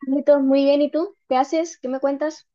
Carlitos, muy bien, ¿y tú? ¿Qué haces? ¿Qué me cuentas?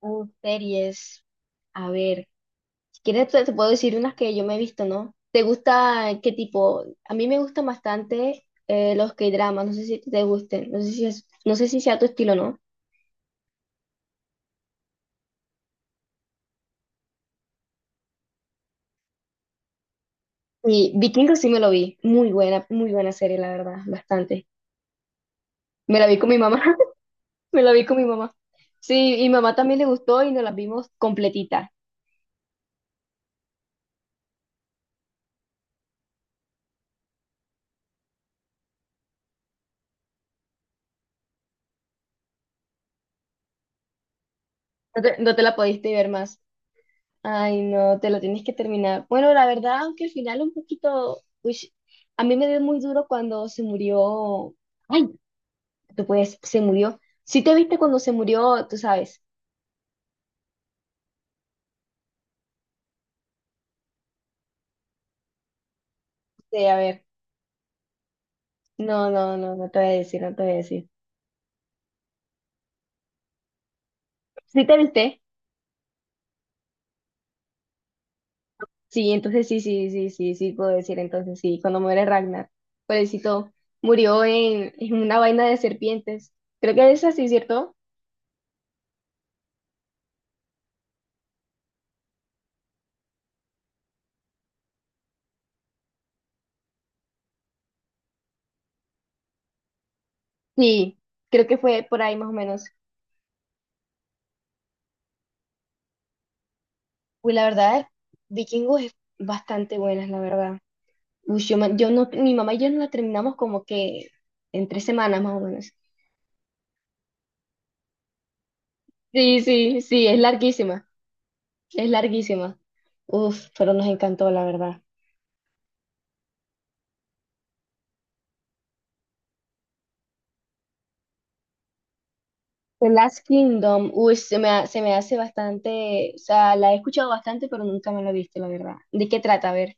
Series. A ver, si quieres te puedo decir unas que yo me he visto, ¿no? ¿Te gusta qué tipo? A mí me gustan bastante los K-dramas, no sé si te gusten, no sé si sea tu estilo, ¿no? Y Vikingos sí me lo vi, muy buena serie, la verdad, bastante. Me la vi con mi mamá, me la vi con mi mamá. Sí, y mamá también le gustó y nos la vimos completita. No te la pudiste ver más. Ay, no, te lo tienes que terminar. Bueno, la verdad, aunque al final un poquito, uish, a mí me dio muy duro cuando se murió. Ay, tú puedes, se murió. Si te viste cuando se murió, tú sabes. Sí, a ver. No, no, no, no te voy a decir, no te voy a decir. ¿Sí te viste? Sí, entonces sí, sí, sí, sí, sí, puedo decir, entonces sí, cuando muere Ragnar, pobrecito, murió en una vaina de serpientes. Creo que es así, ¿cierto? Sí, creo que fue por ahí más o menos. Uy, la verdad, Vikingos es bastante buenas, la verdad. Uy, yo, me- yo no, mi mamá y yo no la terminamos como que en tres semanas más o menos. Sí, sí, sí, es larguísima, es larguísima. Uf, pero nos encantó, la verdad. The Last Kingdom, uy, se me hace bastante, o sea, la he escuchado bastante, pero nunca me la he visto, la verdad. ¿De qué trata? A ver.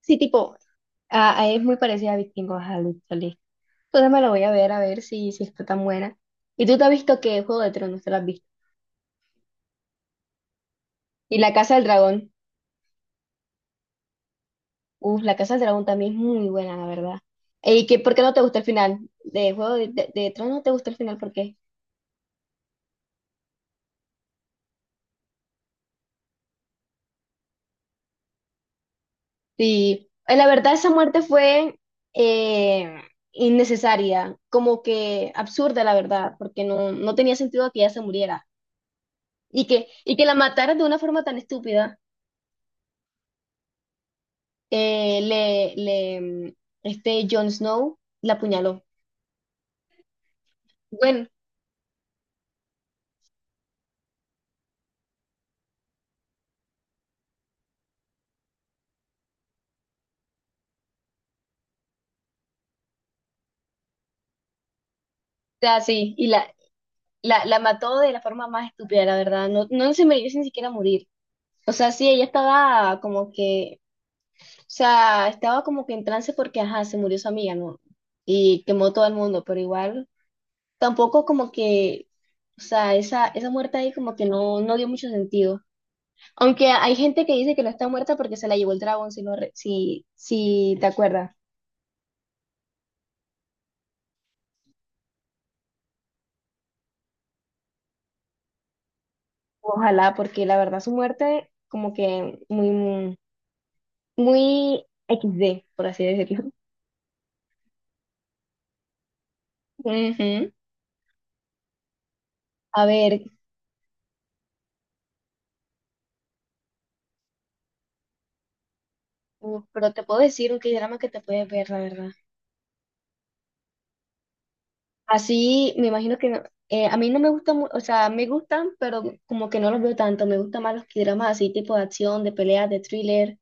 Sí, tipo, ah, ah, es muy parecida a Vikingos, ajá, listo, listo. Entonces me la voy a ver si, si está tan buena. ¿Y tú te has visto qué Juego de Tronos? ¿Te la has visto? Y La Casa del Dragón. Uf, La Casa del Dragón también es muy buena, la verdad. ¿Y qué, por qué no te gusta el final? De de Tronos no te gusta el final, ¿por qué? Sí, la verdad esa muerte fue eh, innecesaria, como que absurda, la verdad, porque no, no tenía sentido que ella se muriera. Y que la mataran de una forma tan estúpida, eh, le, le, mm, este Jon Snow la apuñaló. Bueno, o sea, sí, y la mató de la forma más estúpida, la verdad. No, no se merece ni siquiera morir. O sea, sí, ella estaba como que, o sea, estaba como que en trance porque, ajá, se murió su amiga, ¿no? Y quemó todo el mundo, pero igual, tampoco como que, o sea, esa muerte ahí como que no, no dio mucho sentido. Aunque hay gente que dice que no está muerta porque se la llevó el dragón, si, si te acuerdas. Ojalá, porque la verdad su muerte como que muy, muy XD, por así decirlo. Ujú. A ver, uf, pero te puedo decir un drama que te puedes ver, la verdad. Así, me imagino que no- A mí no me gustan, o sea, me gustan, pero como que no los veo tanto. Me gustan más los dramas así, tipo de acción, de peleas, de thriller,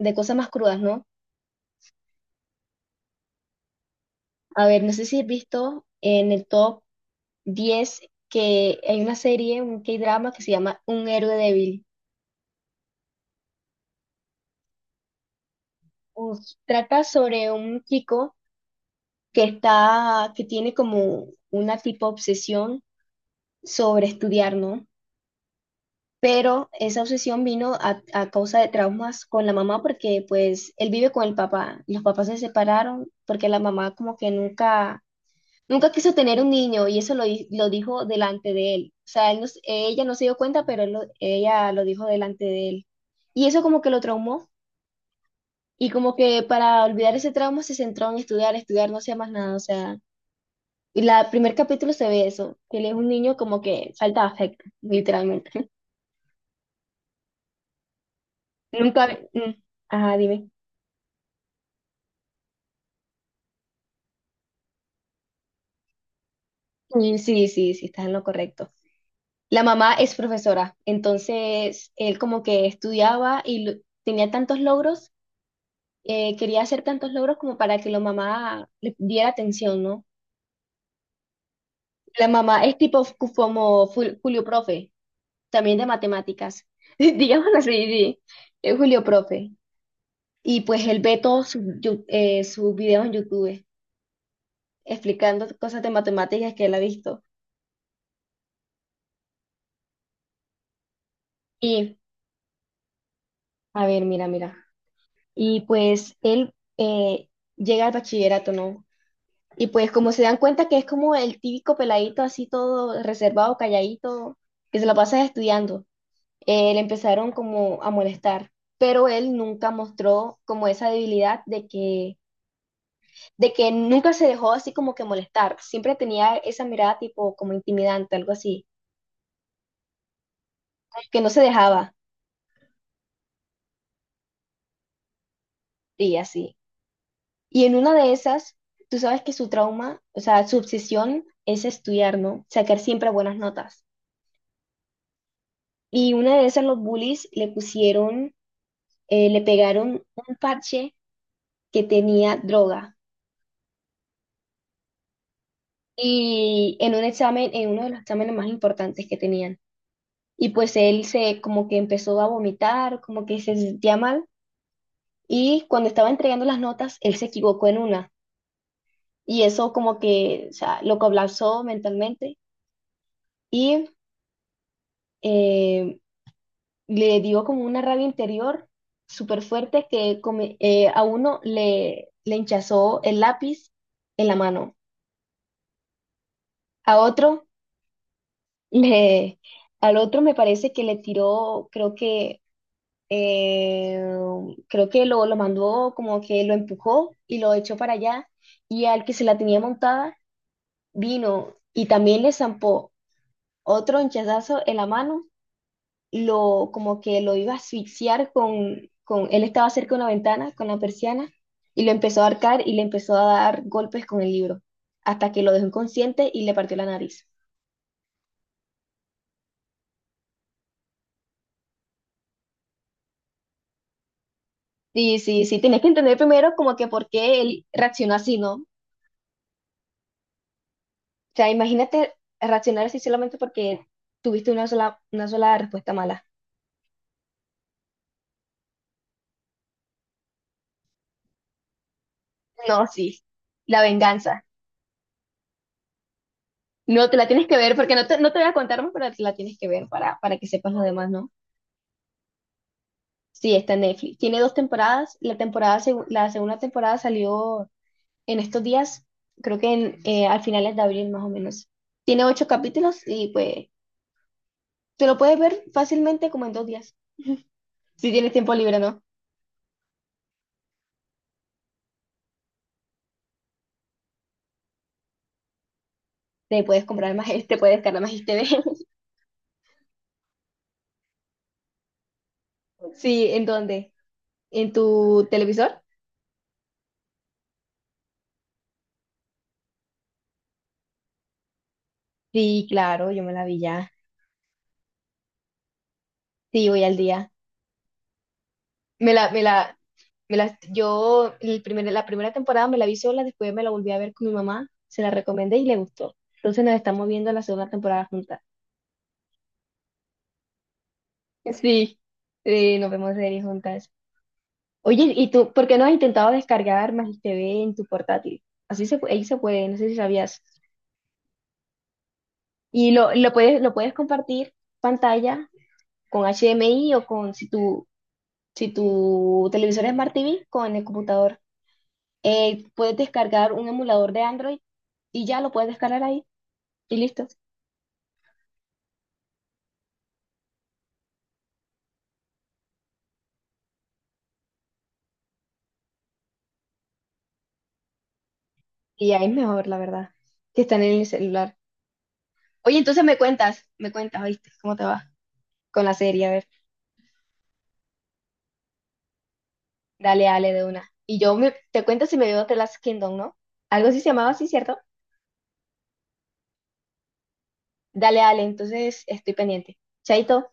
de cosas más crudas, ¿no? A ver, no sé si has visto en el top 10 que hay una serie, un K-drama que se llama Un héroe débil. Uf, trata sobre un chico que está, que tiene como una tipo obsesión sobre estudiar, ¿no? Pero esa obsesión vino a causa de traumas con la mamá porque pues él vive con el papá. Los papás se separaron porque la mamá como que nunca, nunca quiso tener un niño y lo dijo delante de él. O sea, él no s- ella no se dio cuenta, pero ella lo dijo delante de él. Y eso como que lo traumó y como que para olvidar ese trauma se centró en estudiar, estudiar, no hacía más nada. O sea, y la primer capítulo se ve eso, que él es un niño como que falta de afecto, literalmente. Nunca... mm, Ajá, dime. Sí, sí, sí, estás en lo correcto. La mamá es profesora, entonces él como que tenía tantos logros, quería hacer tantos logros como para que la mamá le diera atención, ¿no? La mamá es tipo Julio Profe, también de matemáticas, digámoslo así, sí, es Julio Profe. Y pues él ve sus videos en YouTube explicando cosas de matemáticas que él ha visto. Y, a ver, mira, mira. Y pues él llega al bachillerato, ¿no? Y pues como se dan cuenta que es como el típico peladito así todo reservado, calladito, que se la pasa estudiando, le empezaron como a molestar. Pero él nunca mostró como esa debilidad de de que nunca se dejó así como que molestar. Siempre tenía esa mirada tipo como intimidante, algo así, que no se dejaba y así. Y en una de esas, tú sabes que su trauma, o sea, su obsesión es estudiar, ¿no? Sacar siempre buenas notas. Y una de esas los bullies le pegaron un parche que tenía droga. Y en un examen, en uno de los exámenes más importantes que tenían. Y pues como que empezó a vomitar, como que se sentía mal. Y cuando estaba entregando las notas, él se equivocó en una. Y eso como que, o sea, lo colapsó mentalmente. Y... em, Le dio como una rabia interior súper fuerte que a uno le, le hinchazó el lápiz en la mano, a otro le, al otro me parece que le tiró, eh, creo que lo mandó como que lo empujó y lo echó para allá y al que se la tenía montada vino y también le zampó otro hinchazazo en la mano lo, como que lo iba a asfixiar con, él estaba cerca de una ventana, con la persiana, y lo empezó a arcar y le empezó a dar golpes con el libro, hasta que lo dejó inconsciente y le partió la nariz. Sí, sí, sí, tienes que entender primero como que por qué él reaccionó así, ¿no? O sea, imagínate reaccionar así solamente porque tuviste una sola respuesta mala. No, sí, la venganza. No, te la tienes que ver porque no te, no te voy a contar más, pero te la tienes que ver para que sepas lo demás, ¿no? Sí, está en Netflix. Tiene 2 temporadas. La segunda temporada salió en estos días, creo que al finales de abril más o menos. Tiene 8 capítulos y pues te lo puedes ver fácilmente como en 2 días. Si tienes tiempo libre, ¿no? Te puedes comprar más, te puedes descargar más TV. Sí, ¿en dónde? ¿En tu televisor? Sí, claro, yo me la vi ya. Sí, voy al día. Me la, me la, yo la primera temporada me la vi sola, después me la volví a ver con mi mamá, se la recomendé y le gustó. Entonces nos estamos viendo la segunda temporada juntas. Sí, sí, nos vemos series juntas. Oye, ¿y tú por qué no has intentado descargar Magis TV en tu portátil? Ahí se puede, no sé si sabías. Y lo puedes compartir pantalla con HDMI o con si tu, si tu televisor es Smart TV con el computador. Puedes descargar un emulador de Android y ya lo puedes descargar ahí y listo. Y ya es mejor, la verdad, que están en el celular. Oye, entonces me cuentas, ¿viste? ¿Cómo te va con la serie? A ver, dale, dale de una. Y te cuento si me veo The Last Kingdom, ¿no? Algo así se llamaba así, ¿cierto? Dale, dale, entonces estoy pendiente. Chaito.